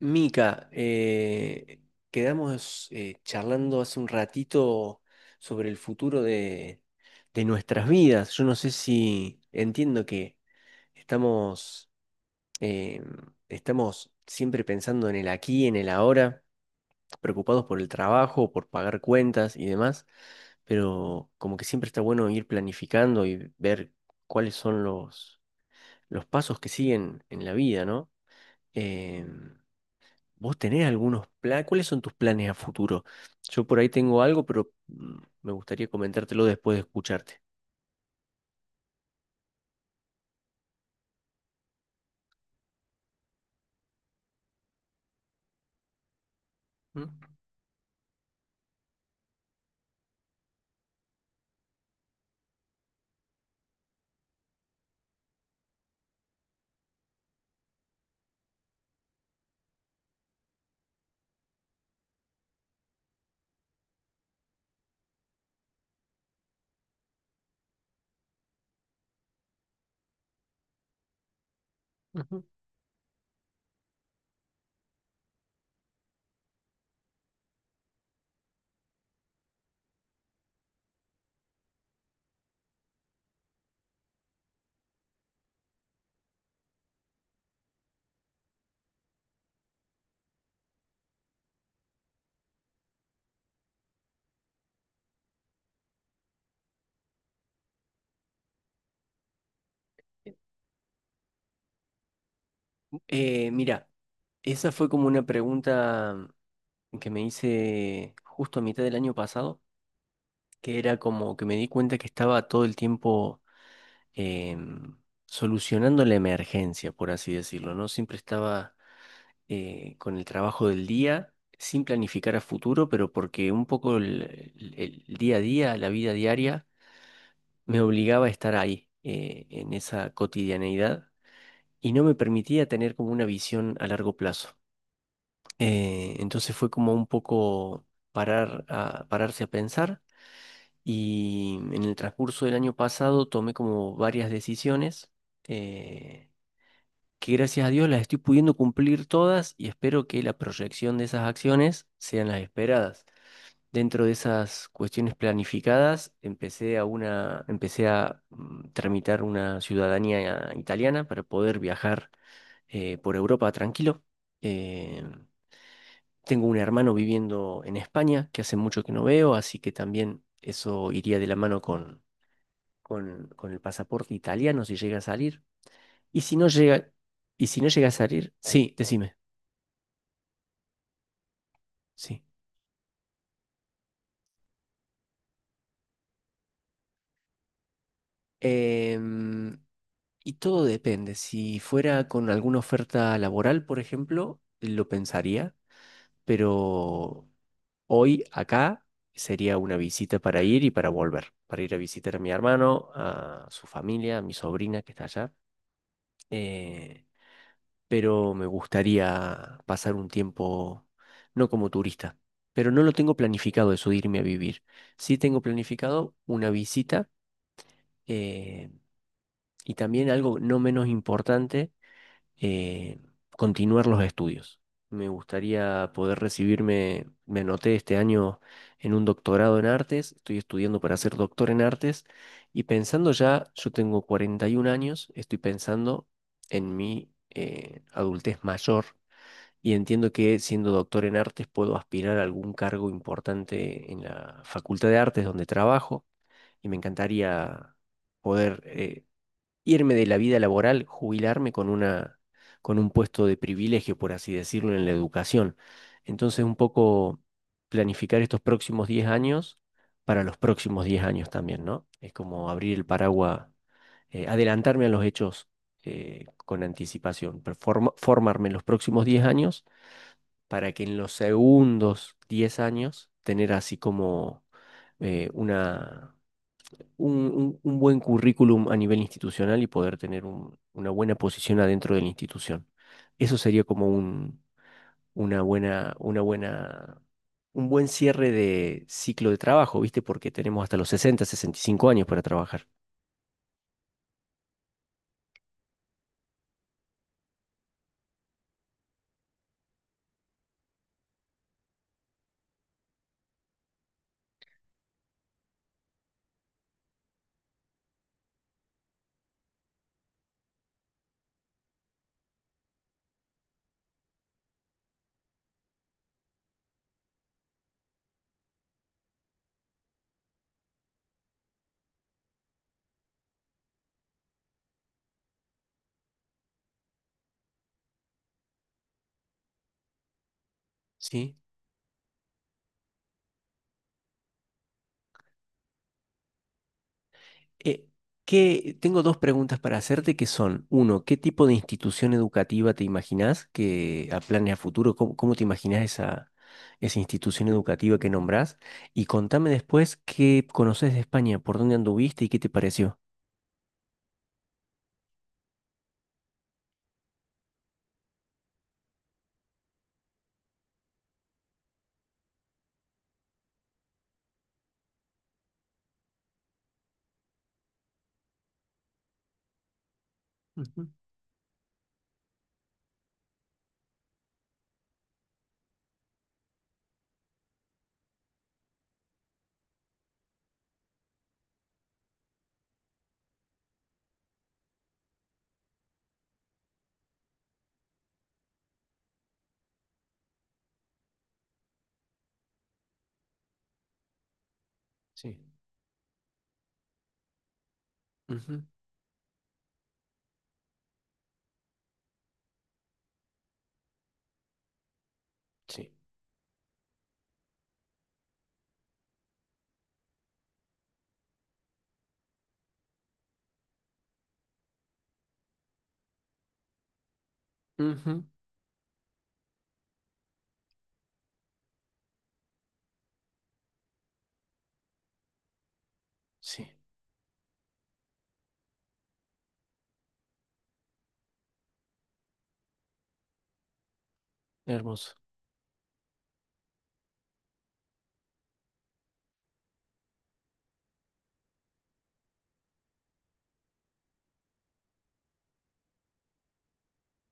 Mica, quedamos charlando hace un ratito sobre el futuro de nuestras vidas. Yo no sé si entiendo que estamos, eh, estamos siempre pensando en el aquí, en el ahora, preocupados por el trabajo, por pagar cuentas y demás, pero como que siempre está bueno ir planificando y ver cuáles son los pasos que siguen en la vida, ¿no? Em, ¿Vos tenés algunos planes? ¿Cuáles son tus planes a futuro? Yo por ahí tengo algo, pero me gustaría comentártelo después de escucharte. Mm. Ujú. Mira, esa fue como una pregunta que me hice justo a mitad del año pasado, que era como que me di cuenta que estaba todo el tiempo em, solucionando la emergencia, por así decirlo, ¿no? Siempre estaba con el trabajo del día, sin planificar a futuro, pero porque un poco el día a día, la vida diaria, me obligaba a estar ahí, en esa cotidianeidad, y no me permitía tener como una visión a largo plazo. Entonces fue como un poco pararse a pensar, y en el transcurso del año pasado tomé como varias decisiones, eh, que gracias a Dios las estoy pudiendo cumplir todas y espero que la proyección de esas acciones sean las esperadas. Dentro de esas cuestiones planificadas, empecé a tramitar una ciudadanía italiana para poder viajar por Europa tranquilo. Eh, tengo un hermano viviendo en España que hace mucho que no veo, así que también eso iría de la mano con el pasaporte italiano si llega a salir. Y si no llega, y si no llega a salir, sí, decime. Sí. Em, y todo depende. Si fuera con alguna oferta laboral, por ejemplo, lo pensaría, pero hoy acá sería una visita para ir y para volver, para ir a visitar a mi hermano, a su familia, a mi sobrina que está allá. Eh, pero me gustaría pasar un tiempo no como turista, pero no lo tengo planificado eso de irme a vivir. Sí tengo planificado una visita. eh, Y también algo no menos importante, eh, continuar los estudios. Me gustaría poder recibirme, me anoté este año en un doctorado en artes, estoy estudiando para ser doctor en artes y pensando ya, yo tengo 41 años, estoy pensando en mi adultez mayor, y entiendo que siendo doctor en artes puedo aspirar a algún cargo importante en la Facultad de Artes donde trabajo y me encantaría poder irme de la vida laboral, jubilarme con un puesto de privilegio, por así decirlo, en la educación. Entonces, un poco planificar estos próximos 10 años para los próximos 10 años también, ¿no? Es como abrir el paraguas, adelantarme a los hechos con anticipación, pero formarme en los próximos 10 años para que en los segundos 10 años tener así como eh, una un buen currículum a nivel institucional y poder tener una buena posición adentro de la institución. Eso sería como un, una buena, un buen cierre de ciclo de trabajo, ¿viste? Porque tenemos hasta los 60, 65 años para trabajar. Sí. Eh, tengo dos preguntas para hacerte que son, uno, ¿qué tipo de institución educativa te imaginás que a planes a futuro, cómo te imaginás esa institución educativa que nombrás? Y contame después qué conoces de España, por dónde anduviste y qué te pareció. Ujú. Sí. Ujú. Sí. Ujú. Sí. Hermoso.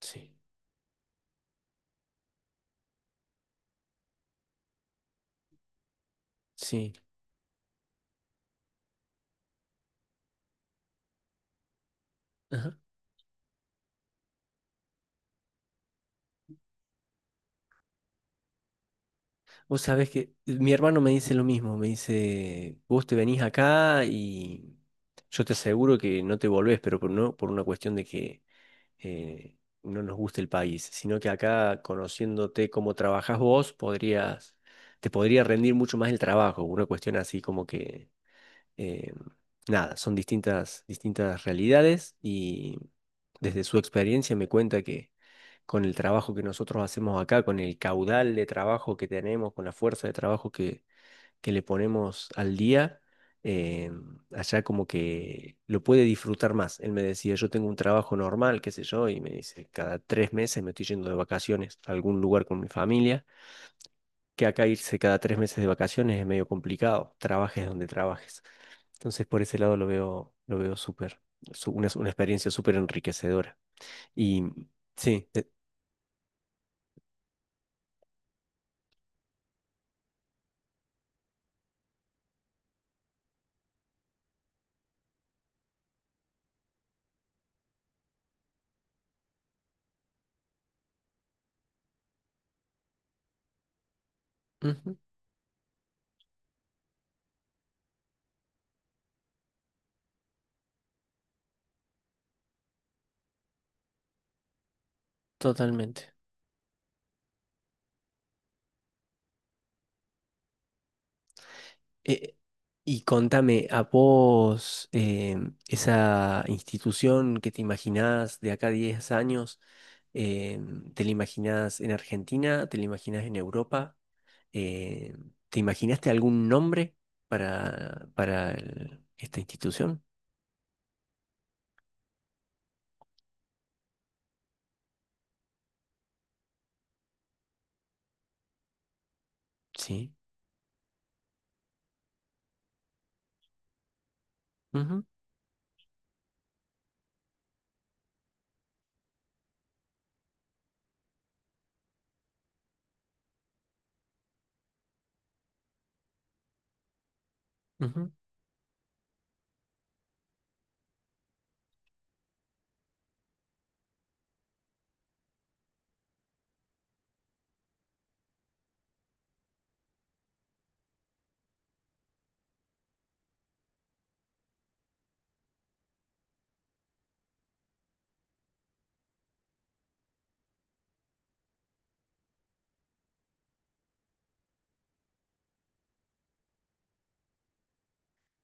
Sí, sí. Vos sabés que mi hermano me dice lo mismo, me dice, vos te venís acá y yo te aseguro que no te volvés, pero por, no por una cuestión de que eh, no nos guste el país, sino que acá, conociéndote cómo trabajás vos, podrías, te podría rendir mucho más el trabajo. Una cuestión así como que eh, nada, son distintas, distintas realidades, y desde su experiencia me cuenta que con el trabajo que nosotros hacemos acá, con el caudal de trabajo que tenemos, con la fuerza de trabajo que le ponemos al día, eh, allá como que lo puede disfrutar más. Él me decía, yo tengo un trabajo normal, qué sé yo, y me dice, cada 3 meses me estoy yendo de vacaciones a algún lugar con mi familia, que acá irse cada 3 meses de vacaciones es medio complicado, trabajes donde trabajes. Entonces, por ese lado lo veo súper, una experiencia súper enriquecedora. Y sí. Ujú. Totalmente. Eh, y contame, ¿a vos esa institución que te imaginás de acá a 10 años, te la imaginás en Argentina, te la imaginás en Europa? ¿Te imaginaste algún nombre para esta institución? Sí. Ujú, ujú.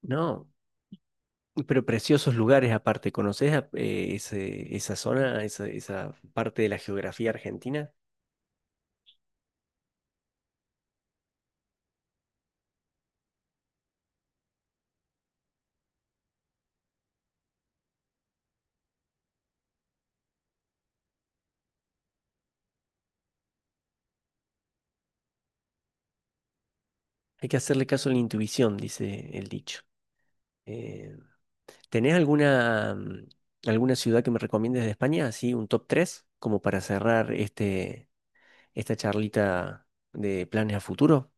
No. Pero preciosos lugares aparte, ¿conoces esa zona, esa parte de la geografía argentina? Hay que hacerle caso a la intuición, dice el dicho. Eh, ¿tenés alguna, alguna ciudad que me recomiendes de España? Así, un top 3 como para cerrar esta charlita de planes a futuro.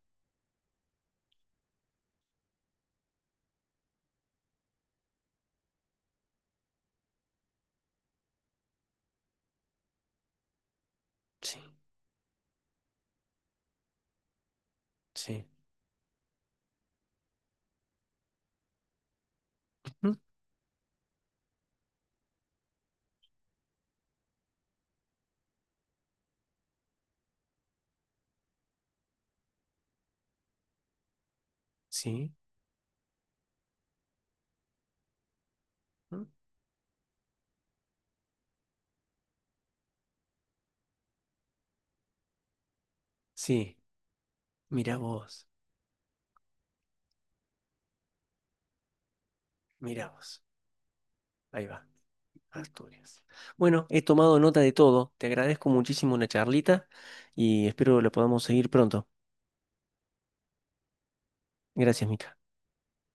Sí, sí. Ujú. Sí, ujú, sí. Mira vos, mira vos. Ahí va. Asturias. Bueno, he tomado nota de todo. Te agradezco muchísimo la charlita y espero la podamos seguir pronto. Gracias, Mica.